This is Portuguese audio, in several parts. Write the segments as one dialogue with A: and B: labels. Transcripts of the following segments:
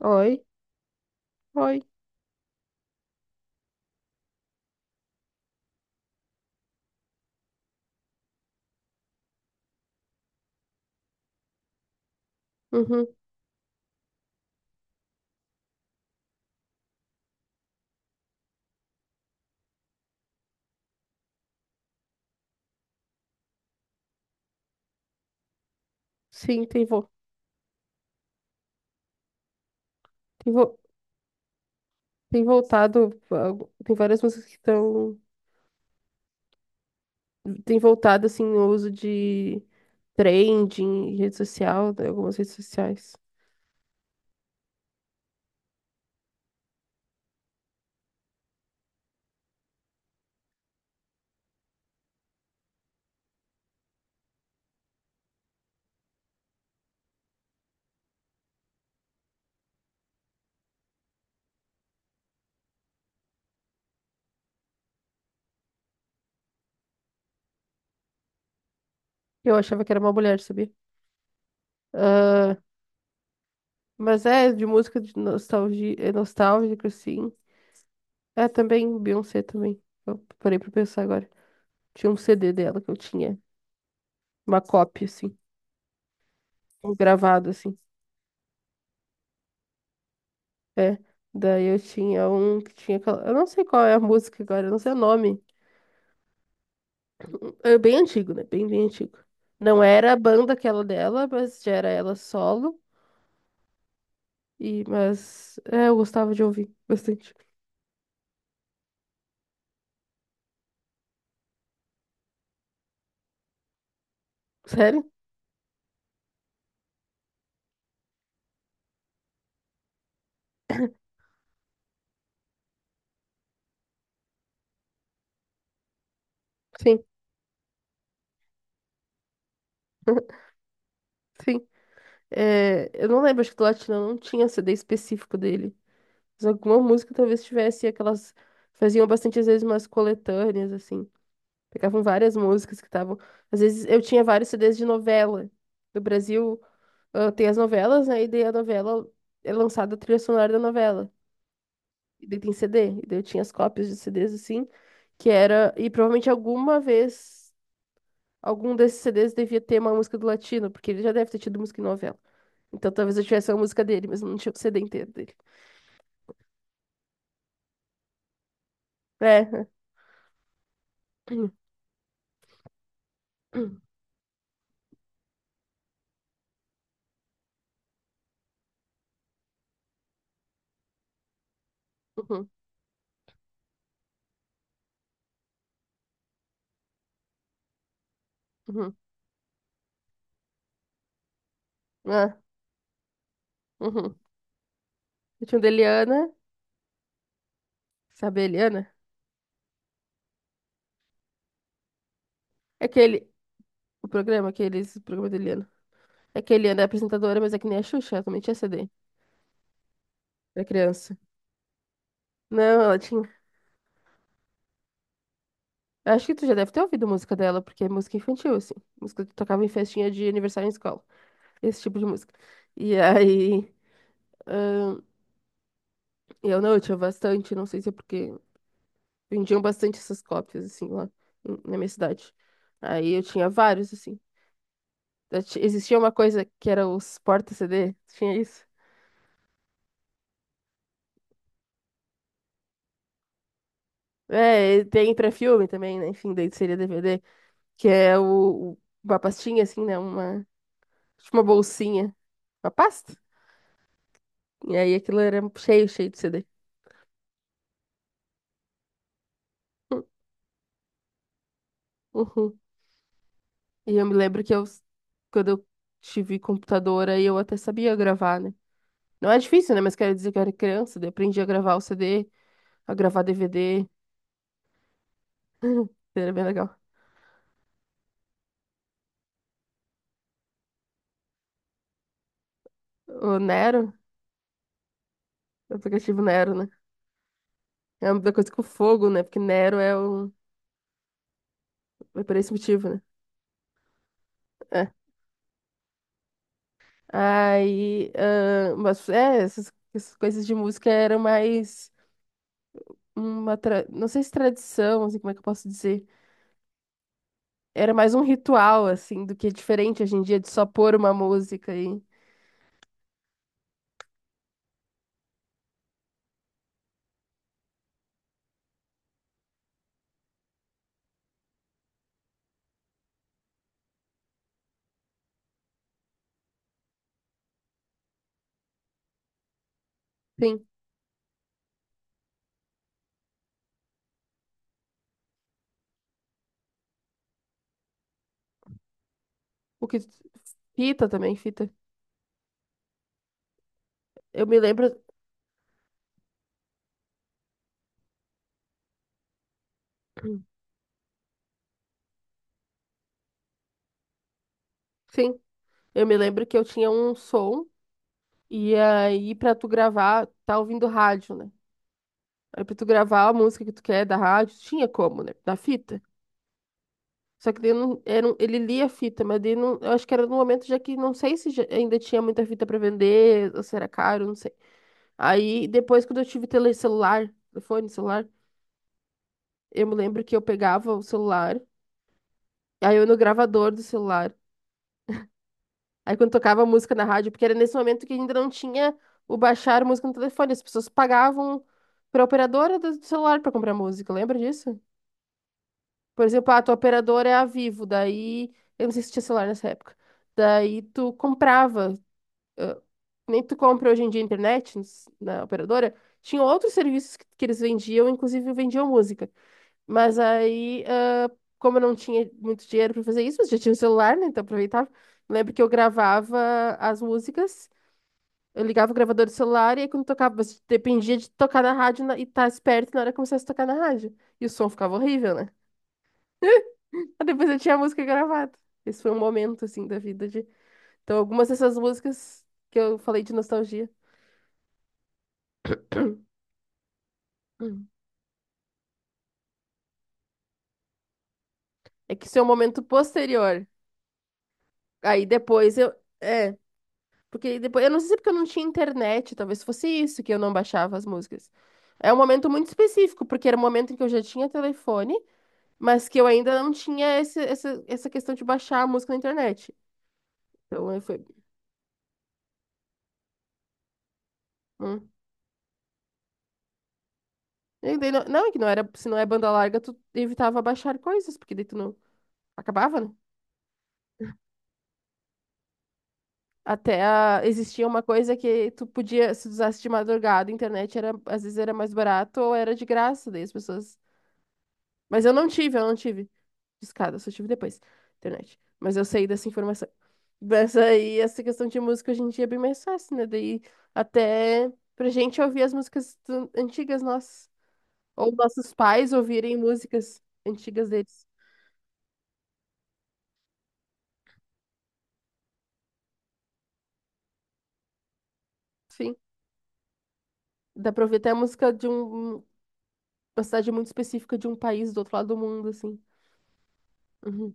A: Oi, oi. Uhum. Sim, tem, vo tem, vo tem voltado. Tem várias músicas que estão. Tem voltado, assim, o uso de trending, rede social, né, algumas redes sociais. Eu achava que era uma mulher, sabia? Ah, mas é, de música de nostalgia, é nostálgico, sim. É também Beyoncé também. Eu parei pra pensar agora. Tinha um CD dela que eu tinha. Uma cópia, assim. Gravado, assim. É, daí eu tinha um que tinha aquela. Eu não sei qual é a música agora, eu não sei o nome. É bem antigo, né? Bem antigo. Não era a banda aquela dela, mas já era ela solo. E, mas é, eu gostava de ouvir bastante. Sério? Sim, sim. É, eu não lembro, acho que do Latino não tinha CD específico dele. Mas alguma música talvez tivesse aquelas. Faziam bastante, às vezes, umas coletâneas, assim. Pegavam várias músicas que estavam. Às vezes eu tinha vários CDs de novela do Brasil. Tem as novelas, né? E daí a novela é lançada a trilha sonora da novela. E daí tem CD. E daí eu tinha as cópias de CDs assim, que era. E provavelmente alguma vez algum desses CDs devia ter uma música do Latino, porque ele já deve ter tido música em novela. Então talvez eu tivesse a música dele, mas não tinha o CD inteiro dele. É. Uhum, uhum, ah, uhum. Eu tinha o da Eliana. Sabe a Eliana? É aquele. O programa, aqueles. O programa da Eliana. É que a Eliana é apresentadora, mas é que nem a Xuxa, ela também tinha CD pra criança. Não, ela tinha. Eu acho que tu já deve ter ouvido música dela, porque é música infantil, assim. Música que tocava em festinha de aniversário em escola. Esse tipo de música. E aí, ahn, eu tinha bastante, não sei se é porque vendiam bastante essas cópias, assim, lá na minha cidade. Aí eu tinha vários, assim. Existia uma coisa que era os porta-CD, tinha isso. É, e tem pra filme também, né? Enfim, daí seria DVD, que é uma pastinha, assim, né? Uma, tipo uma bolsinha, uma pasta. E aí aquilo era cheio de CD. Uhum. E eu me lembro que quando eu tive computador, aí eu até sabia gravar, né? Não é difícil, né? Mas quero dizer que eu era criança, daí aprendi a gravar o CD, a gravar DVD, era bem legal. O Nero, o aplicativo Nero, né? É uma coisa com fogo, né? Porque Nero é um. É por esse motivo, né? É. Aí, essas coisas de música eram mais uma. Não sei se tradição, assim, como é que eu posso dizer? Era mais um ritual, assim, do que é diferente hoje em dia de só pôr uma música e. Sim, o que. Fita também, fita. Eu me lembro. Sim, eu me lembro que eu tinha um som e aí pra tu gravar, tá ouvindo rádio, né? Aí pra tu gravar a música que tu quer da rádio, tinha como, né? Da fita. Só que daí não, era, ele lia a fita, mas daí não, eu acho que era no momento já que não sei se ainda tinha muita fita pra vender, ou se era caro, não sei. Aí depois quando eu tive tele celular, telefone, celular. Eu me lembro que eu pegava o celular, aí eu ia no gravador do celular. Aí quando tocava música na rádio, porque era nesse momento que ainda não tinha o baixar música no telefone, as pessoas pagavam pra operadora do celular pra comprar música, lembra disso? Por exemplo, a tua operadora é a Vivo, daí eu não sei se tinha celular nessa época. Daí tu comprava, ah, nem tu compra hoje em dia internet na operadora, tinha outros serviços que eles vendiam, inclusive vendiam música. Mas aí, como eu não tinha muito dinheiro para fazer isso, mas já tinha um celular, né? Então aproveitava. Eu lembro que eu gravava as músicas, eu ligava o gravador do celular e aí quando tocava, mas dependia de tocar na rádio e estar esperto na hora que começasse a tocar na rádio. E o som ficava horrível, né? Aí depois eu tinha a música gravada. Esse foi um momento, assim, da vida de... Então, algumas dessas músicas que eu falei de nostalgia. Hum. É que isso é um momento posterior. Aí depois eu... É. Porque depois, eu não sei se é porque eu não tinha internet, talvez fosse isso que eu não baixava as músicas. É um momento muito específico, porque era um momento em que eu já tinha telefone, mas que eu ainda não tinha essa questão de baixar a música na internet. Então eu foi. Hum. E daí é que não era, se não é banda larga, tu evitava baixar coisas, porque daí tu não acabava, né? Até existia uma coisa que tu podia, se usasse de madrugada, a internet era, às vezes era mais barato ou era de graça, daí as pessoas. Mas eu não tive. Discada, só tive depois. Internet. Mas eu saí dessa informação. Mas aí, essa questão de música hoje em dia é bem mais fácil, né? Daí, até pra gente ouvir as músicas antigas nossas. Ou nossos pais ouvirem músicas antigas deles. Enfim, dá pra ouvir até a música de uma cidade muito específica de um país do outro lado do mundo, assim. Uhum.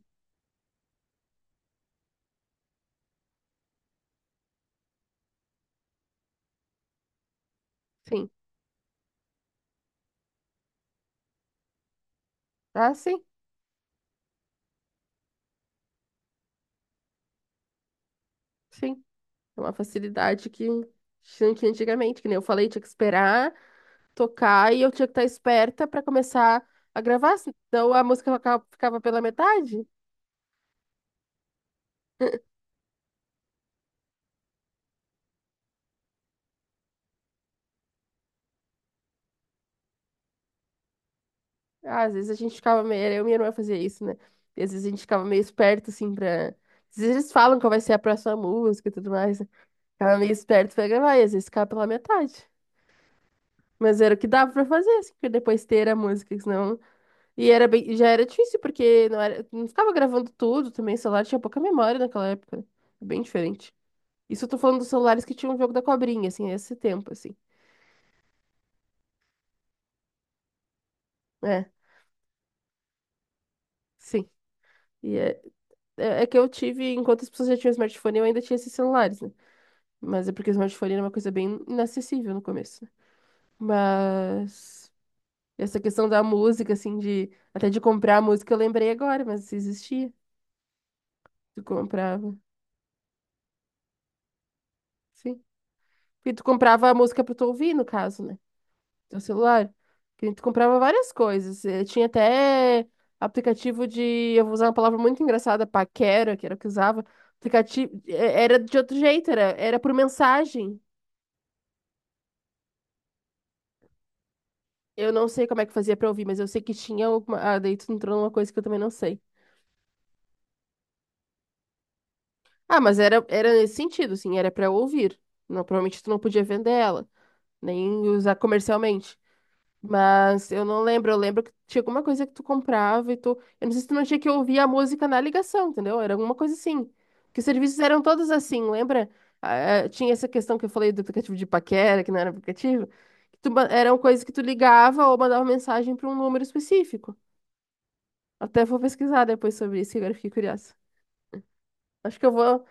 A: Sim. Ah, sim, sim. É uma facilidade que tinha que antigamente, que nem eu falei, tinha que esperar tocar e eu tinha que estar esperta pra começar a gravar, senão a música ficava pela metade. Ah, às vezes a gente ficava meio. Era Eu e minha irmã fazia isso, né? E às vezes a gente ficava meio esperto, assim, pra. Às vezes eles falam qual vai ser a próxima música e tudo mais, né? Ficava meio esperto pra gravar, e às vezes ficava pela metade. Mas era o que dava pra fazer, assim, porque depois ter a música, que senão. E era bem... e já era difícil, porque não era... não ficava gravando tudo também, o celular tinha pouca memória naquela época, né? Bem diferente. Isso eu tô falando dos celulares que tinham o jogo da cobrinha, assim, esse tempo, assim. É, sim. E é que eu tive, enquanto as pessoas já tinham smartphone, eu ainda tinha esses celulares, né? Mas é porque o smartphone era uma coisa bem inacessível no começo, né? Mas essa questão da música, assim, de até de comprar a música, eu lembrei agora, mas isso existia. Tu comprava, sim. Porque tu comprava a música pra tu ouvir, no caso, né? Teu celular? Que a gente comprava várias coisas. Tinha até aplicativo de. Eu vou usar uma palavra muito engraçada, paquera, que era o que usava. Aplicativo. Era de outro jeito, era por mensagem. Eu não sei como é que fazia pra ouvir, mas eu sei que tinha alguma. Ah, daí tu entrou numa coisa que eu também não sei. Ah, mas era nesse sentido, assim, era pra ouvir. Não, provavelmente tu não podia vender ela, nem usar comercialmente. Mas eu não lembro, eu lembro que tinha alguma coisa que tu comprava e tu. Eu não sei se tu não tinha que ouvir a música na ligação, entendeu? Era alguma coisa assim. Que os serviços eram todos assim, lembra? Ah, é, tinha essa questão que eu falei do aplicativo de paquera, que não era aplicativo. Que tu, eram coisas que tu ligava ou mandava mensagem para um número específico. Até vou pesquisar depois sobre isso, que agora eu fiquei curiosa. Acho que eu vou,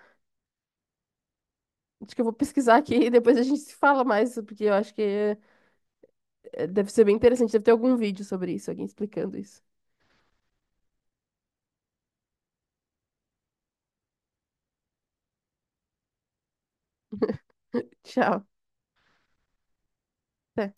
A: acho que eu vou pesquisar aqui e depois a gente se fala mais, porque eu acho que deve ser bem interessante. Deve ter algum vídeo sobre isso, alguém explicando isso. Tchau, até.